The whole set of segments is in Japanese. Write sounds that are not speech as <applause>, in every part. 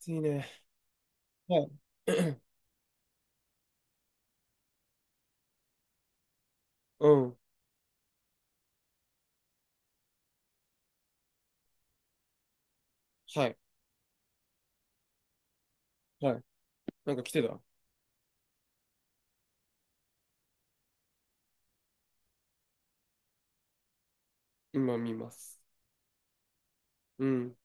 暑いね。はい。<clears throat> うん。はい。はい。なんか来てた今見ます。うん。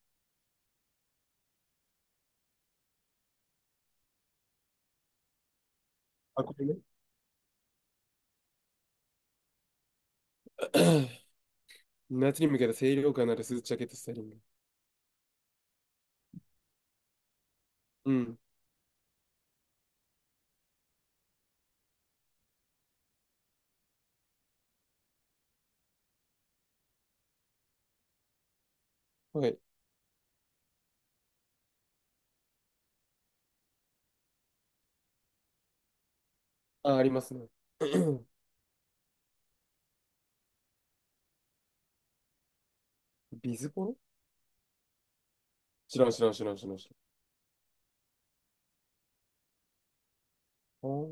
あ、これね。<clears throat> 夏に向けた清涼感のあるスーツジャケットスタイリング。うん。はい。あ、ありますね。<clears throat> ビズポロ、知らん、知らん、知らん、知らん、知らん。あー、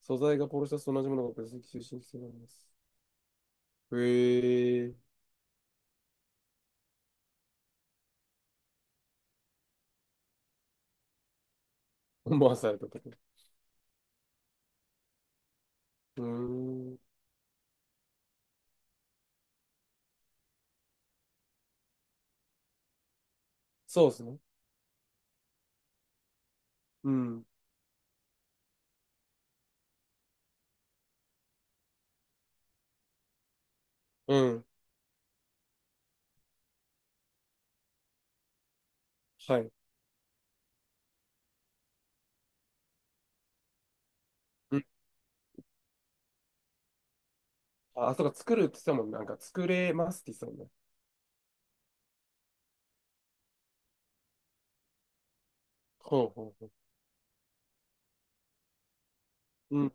素材がポロシャツと同じものが分析中心してるんです。へえ。思わされたとこ、うーん。そうですね。うん。うん。はい。うん。あ、そうか、作るって言ってたもんね。なんか、作れますって言ってたもんね。ほうほうほう。うん、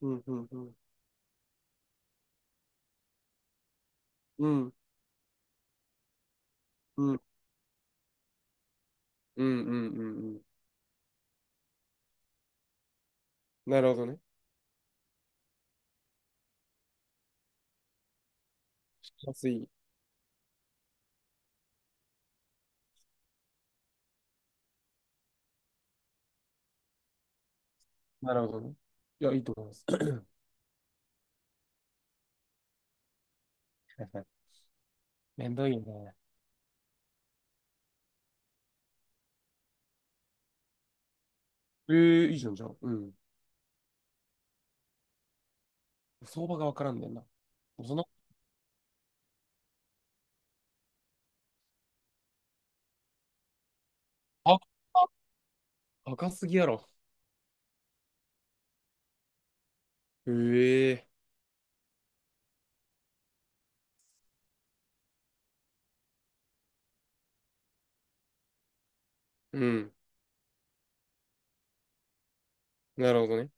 うん、うん、うん、うん、うん、うん、うん、うん、うん、なるほどね。安い。なるほどね。いや、いいと思います。<laughs> はい、はい、めんどいね。え、えいいじゃん、じゃあ。うん。相場がわからんねんな。その、あ、あ、高すぎやろ。え、え、うん。なるほどね。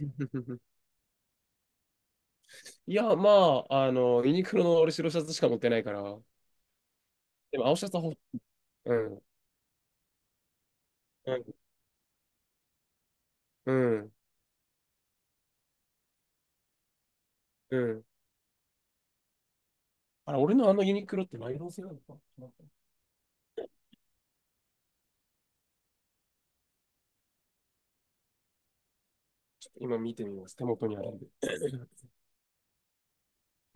<laughs> いや、まあ、ユニクロの俺白シャツしか持ってないから、でも青シャツはほ、うん、うん、うん。うん、あれ、俺のあのユニクロってナイロン製なのかな。今見てみます。手元にあるんで。<laughs>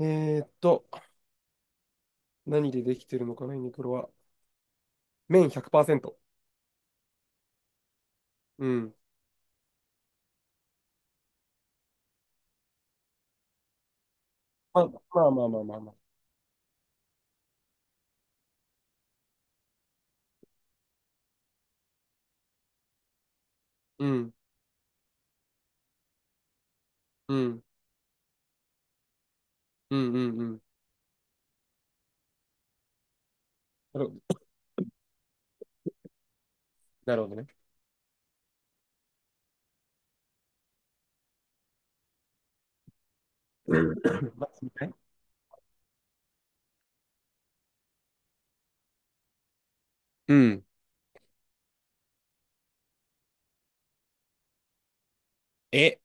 えーっと、何でできてるのかな、ユニクロは。綿100%。うん。まあ、まあまあ。うん。うん。うん。うん。うん。なるほど、なるほどね。うん。 <laughs> まあ、みたい、うん。え、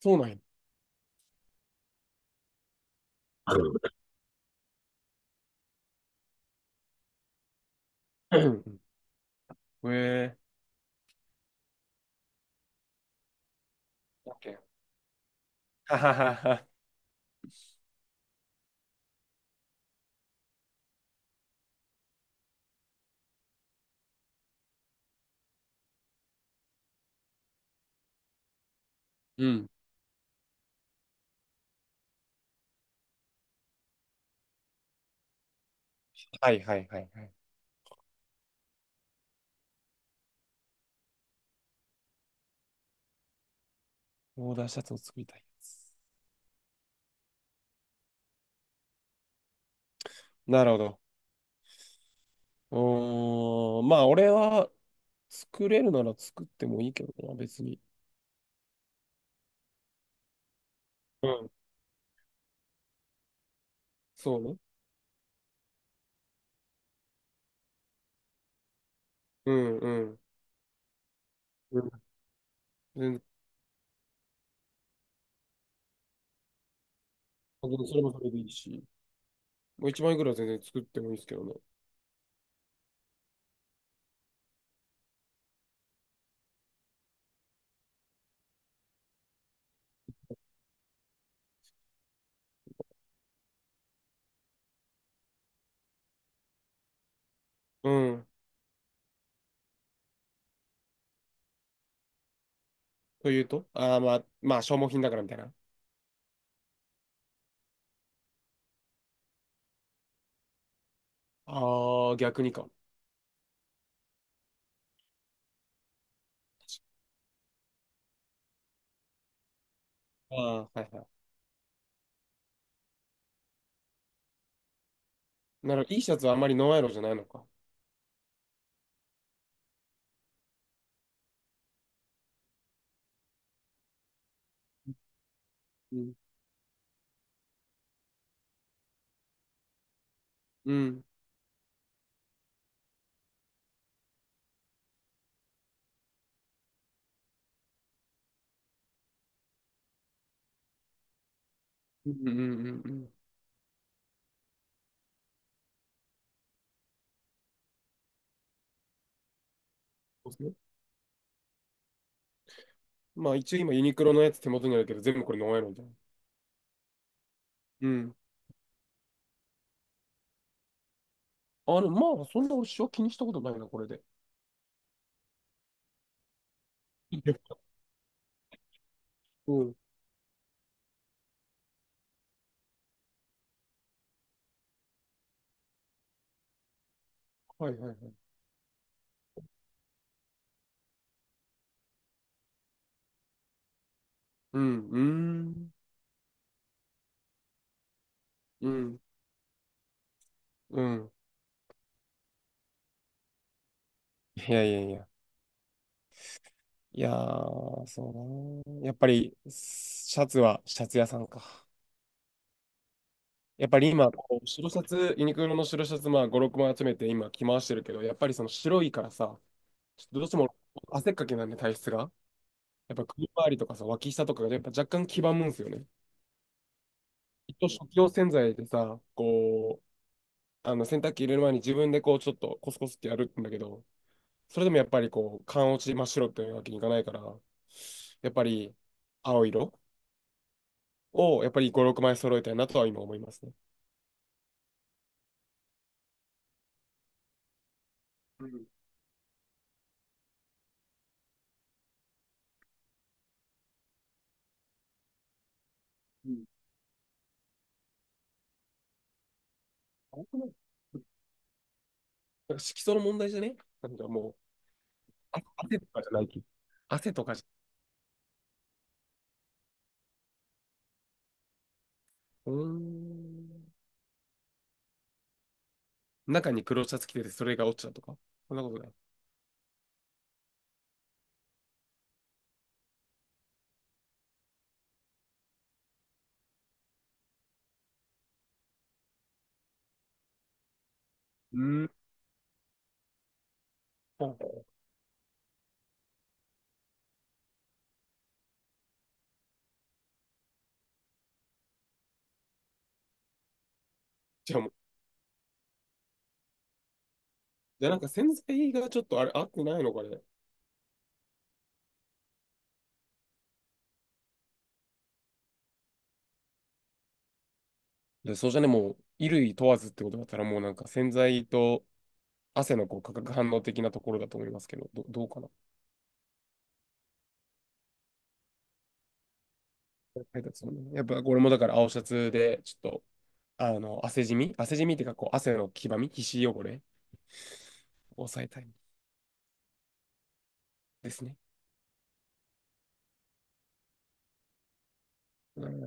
そうなんや。の、うん。え、オッケー。o、 はははは。うん。はい、はい、はい、はい。オーダーシャツを作りたい。なるほど。うーん。まあ、俺は作れるなら作ってもいいけどな、別に。うん。そうね。うん、うん。うん。全然、それもそれでいいし。もう1万円ぐらいは全然作ってもいいですけどね。うん。というと、ああー、まあ、まあ、消耗品だからみたいな。ああ、逆にか。ああ、はい、はい。なら、いいシャツはあんまりノンアイロンじゃないのか。うん。うん。うん、うん、うん、うん。そうですね。まあ、一応今、ユニクロのやつ手元にあるけど、全部これノンアイロンじゃん。うん。まあ、そんなしは気にしたことないな、これで。いや、うん。はい、はい、はい。うん。うーん。うん。うん。いや、いや、いや。いやー、そうだな。やっぱり、シャツはシャツ屋さんか。やっぱり今、こう白シャツ、ユニクロの白シャツ、まあ、5、6枚集めて今着回してるけど、やっぱりその白いからさ、ちょっとどうしても汗っかきなんで体質が。やっぱ首周りとかさ、脇下とかがやっぱ若干黄ばむんですよね。一応食器用洗剤でさ、こう、あの洗濯機入れる前に自分でこうちょっとコスコスってやるんだけど、それでもやっぱりこう、缶落ち真っ白っていうわけにいかないから、やっぱり青色をやっぱり5、6枚揃えたいなとは今思いますね。うん、うん、なんか色素の問題じゃね。なんかもう、あ、汗とかじゃないき。汗とかじゃ、うーん。中に黒シャツ着てて、それが落ちたとか。そんなことない。うーん。じゃあもう、じゃあなんか洗剤がちょっとあれ、合ってないのかね。いや、そうじゃね、もう、衣類問わずってことだったら、もうなんか洗剤と汗のこう化学反応的なところだと思いますけど、ど、どうかな。配達もねやっぱ、これもだから青シャツで、ちょっと、あの、汗じみ、汗じみっていうか、こう、汗の黄ばみ、皮脂汚れを抑えたいですね。うん。